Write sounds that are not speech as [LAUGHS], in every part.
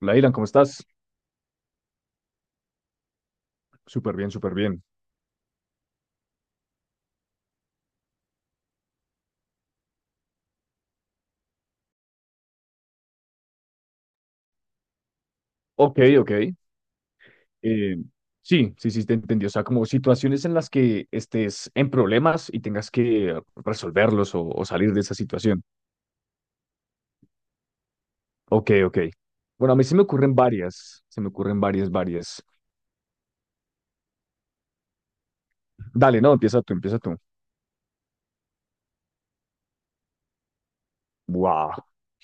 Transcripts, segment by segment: Lailan, ¿cómo estás? Súper bien, súper bien. Ok, ok. Eh, sí, sí, sí, te entendí. O sea, como situaciones en las que estés en problemas y tengas que resolverlos o salir de esa situación. Ok, ok. Bueno, a mí se me ocurren varias. Se me ocurren varias, varias. Dale, no, empieza tú, empieza tú. Wow.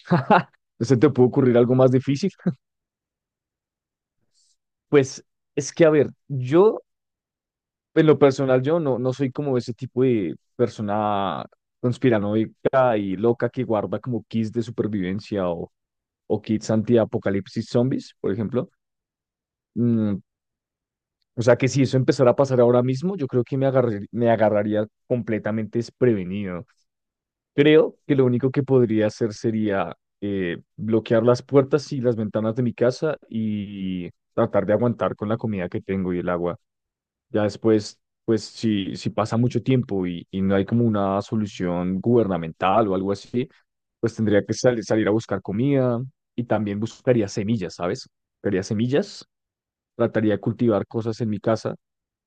[LAUGHS] ¿Se te puede ocurrir algo más difícil? Pues es que, a ver, yo. En lo personal, yo no soy como ese tipo de persona conspiranoica y loca que guarda como kits de supervivencia o kits anti-apocalipsis zombies, por ejemplo. Mm, o sea que si eso empezara a pasar ahora mismo, yo creo que me agarraría completamente desprevenido. Creo que lo único que podría hacer sería bloquear las puertas y las ventanas de mi casa y tratar de aguantar con la comida que tengo y el agua. Ya después, pues si pasa mucho tiempo y no hay como una solución gubernamental o algo así, pues tendría que salir a buscar comida y también buscaría semillas, ¿sabes? Buscaría semillas, trataría de cultivar cosas en mi casa,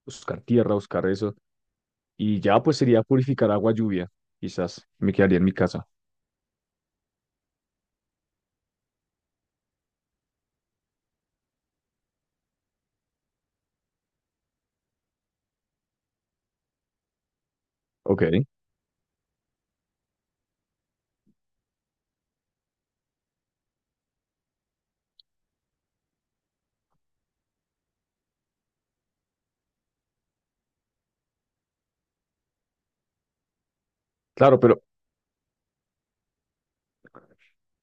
buscar tierra, buscar eso, y ya pues sería purificar agua lluvia, quizás me quedaría en mi casa. Ok, claro, pero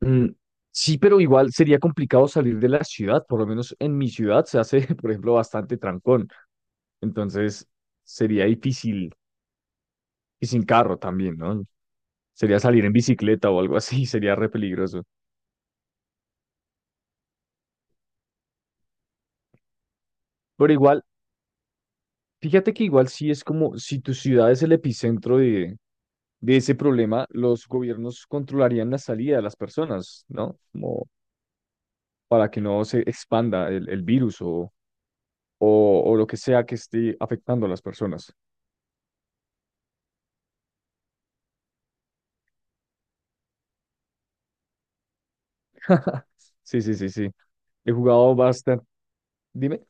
mm, sí, pero igual sería complicado salir de la ciudad. Por lo menos en mi ciudad se hace, [LAUGHS] por ejemplo, bastante trancón, entonces sería difícil. Y sin carro también, ¿no? Sería salir en bicicleta o algo así, [LAUGHS] sería re peligroso. Pero igual, fíjate que igual sí es como si tu ciudad es el epicentro de ese problema, los gobiernos controlarían la salida de las personas, ¿no? Como para que no se expanda el virus o lo que sea que esté afectando a las personas. Sí, sí, sí, sí. He jugado bastante. Dime.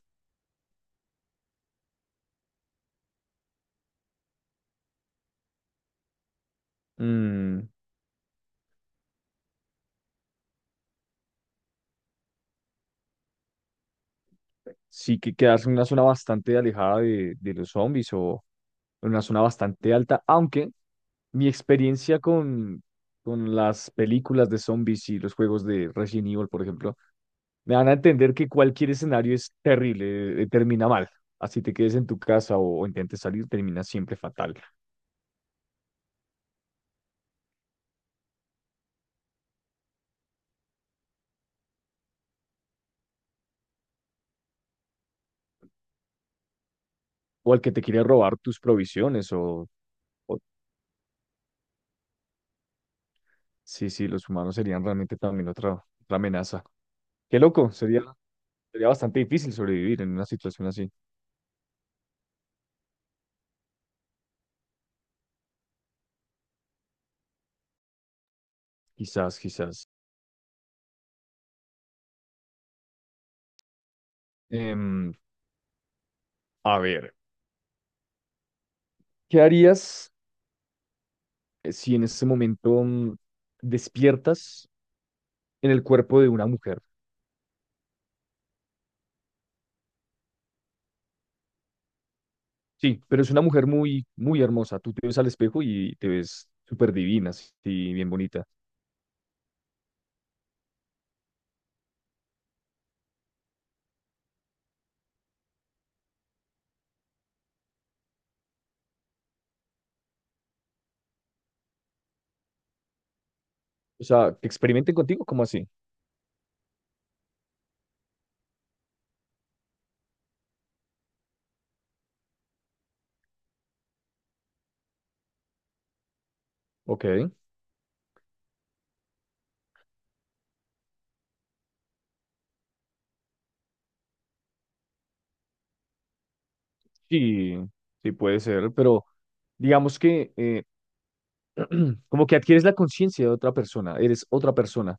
Mm, sí, que quedarse en una zona bastante alejada de los zombies o en una zona bastante alta, aunque mi experiencia con las películas de zombies y los juegos de Resident Evil, por ejemplo, me van a entender que cualquier escenario es terrible, termina mal. Así te quedes en tu casa o intentes salir, termina siempre fatal. O al que te quiere robar tus provisiones o- sí, sí, los humanos serían realmente también otra, otra amenaza. Qué loco, sería. Sería bastante difícil sobrevivir en una situación así. Quizás, quizás. Em, a ver, ¿qué harías si en este momento despiertas en el cuerpo de una mujer? Sí, pero es una mujer muy, muy hermosa. Tú te ves al espejo y te ves súper divina, así, bien bonita. O sea, que experimenten contigo, ¿cómo así? Ok, sí, sí puede ser, pero digamos que [CLEARS THROAT] como que adquieres la conciencia de otra persona, eres otra persona.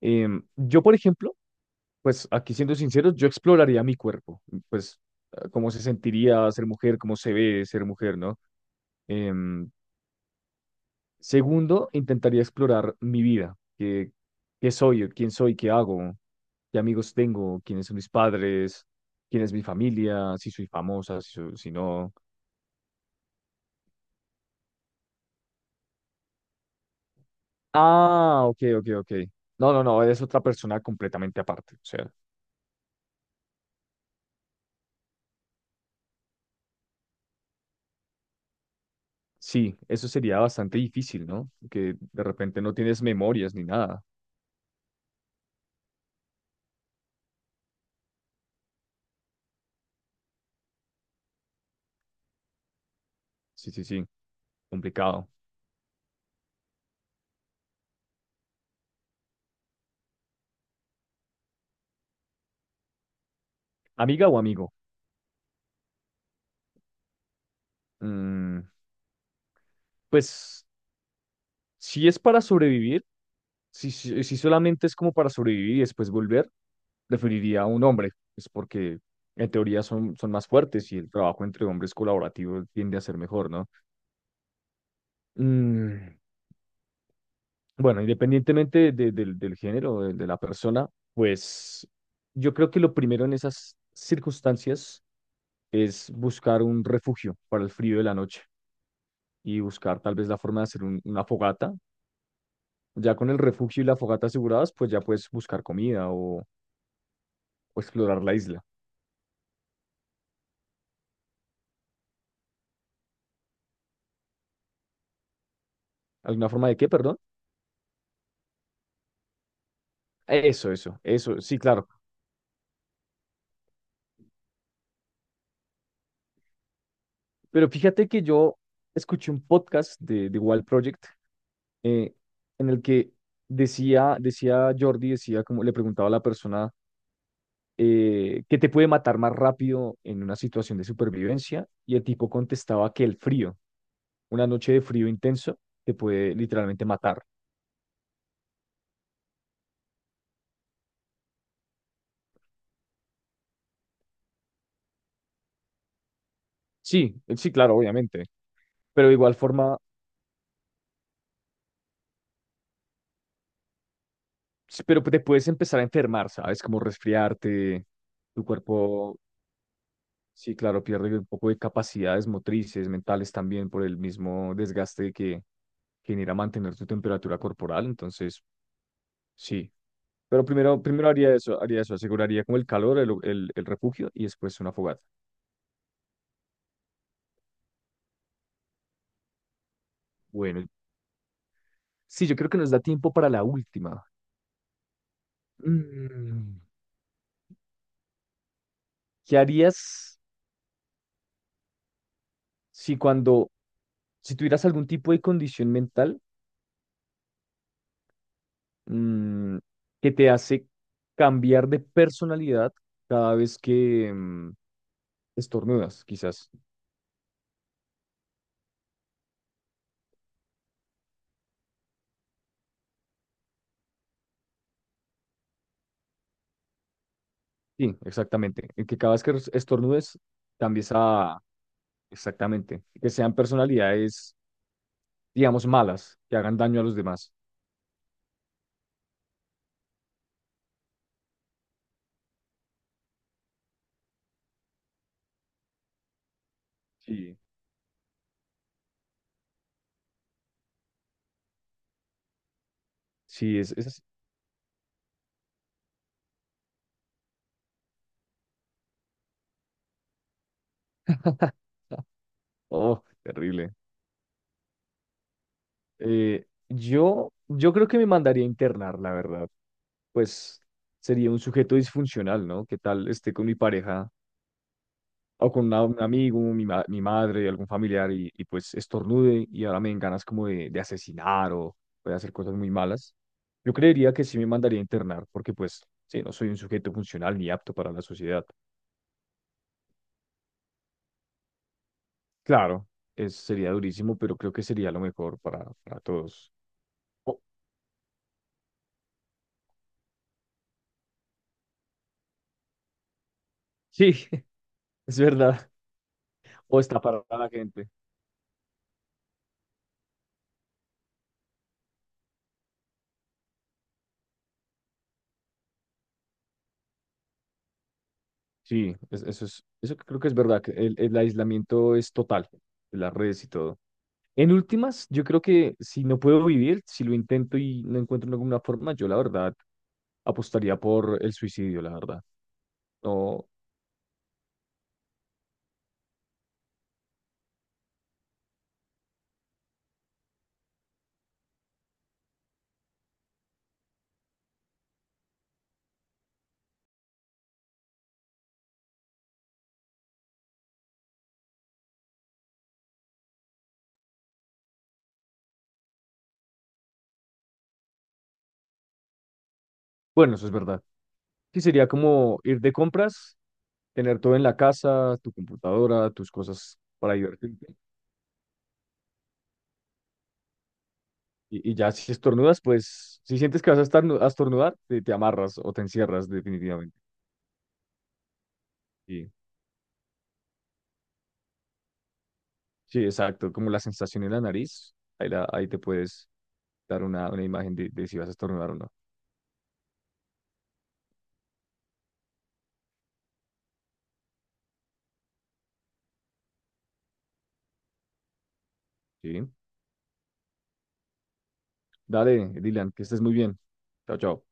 Yo, por ejemplo. Pues aquí siendo sinceros, yo exploraría mi cuerpo, pues ah, cómo se sentiría ser mujer, cómo se ve ser mujer, ¿no? Em, Segundo, intentaría explorar mi vida, qué, qué soy, quién soy, qué hago, qué amigos tengo, quiénes son mis padres, quién es mi familia, si soy famosa, si, si no. Ah, ok, ok, ok. No, no, no, eres otra persona completamente aparte, o sea, sí, eso sería bastante difícil, ¿no? Que de repente no tienes memorias ni nada. Sí, sí, sí, complicado. Amiga o amigo, mm, pues si es para sobrevivir, si solamente es como para sobrevivir y después volver, preferiría a un hombre, es porque en teoría son, son más fuertes y el trabajo entre hombres colaborativo tiende a ser mejor, ¿no? Mm, bueno, independientemente del género, de la persona, pues yo creo que lo primero en esas circunstancias es buscar un refugio para el frío de la noche y buscar tal vez la forma de hacer una fogata. Ya con el refugio y la fogata aseguradas, pues ya puedes buscar comida o explorar la isla. ¿Alguna forma de qué, perdón? Eso, sí, claro. Pero fíjate que yo escuché un podcast de Wild Project eh, en el que decía, decía Jordi, decía como le preguntaba a la persona qué te puede matar más rápido en una situación de supervivencia y el tipo contestaba que el frío, una noche de frío intenso, te puede literalmente matar. Sí, sí, claro, obviamente. Pero de igual forma, sí, pero te puedes empezar a enfermar, ¿sabes? Como resfriarte, tu cuerpo, sí, claro, pierde un poco de capacidades motrices, mentales también por el mismo desgaste que genera mantener tu temperatura corporal, entonces, sí. Pero primero, primero haría eso, aseguraría como el calor, el refugio y después una fogata. Bueno, sí, yo creo que nos da tiempo para la última. Mm, ¿Qué harías si cuando, si tuvieras algún tipo de condición mental? mm, que te hace cambiar de personalidad cada vez que estornudas, quizás. Sí, exactamente. En que cada vez que estornudes, cambies a... Exactamente. Que sean personalidades, digamos, malas, que hagan daño a los demás. Sí. Sí, es así. [LAUGHS] Oh, terrible. Yo, yo creo que me mandaría a internar, la verdad. Pues sería un sujeto disfuncional, ¿no? ¿Qué tal esté con mi pareja o con un amigo, mi madre, algún familiar, y pues estornude y ahora me den ganas como de asesinar o de hacer cosas muy malas? Yo creería que sí me mandaría a internar, porque pues sí, no soy un sujeto funcional ni apto para la sociedad. Claro, es, sería durísimo, pero creo que sería lo mejor para todos. O- sí, [LAUGHS] es verdad. O está para la gente. Sí, eso es, eso creo que es verdad, que el aislamiento es total, las redes y todo. En últimas, yo creo que si no puedo vivir, si lo intento y no encuentro ninguna forma, yo la verdad apostaría por el suicidio, la verdad. No, bueno, eso es verdad. Sí, sería como ir de compras, tener todo en la casa, tu computadora, tus cosas para divertirte. Y ya si estornudas, pues si sientes que vas a, a estornudar, te amarras o te encierras definitivamente. Sí, sí, exacto. Como la sensación en la nariz, ahí, ahí te puedes dar una imagen de si vas a estornudar o no. Sí. Dale, Dylan, que estés muy bien. Chao, chao.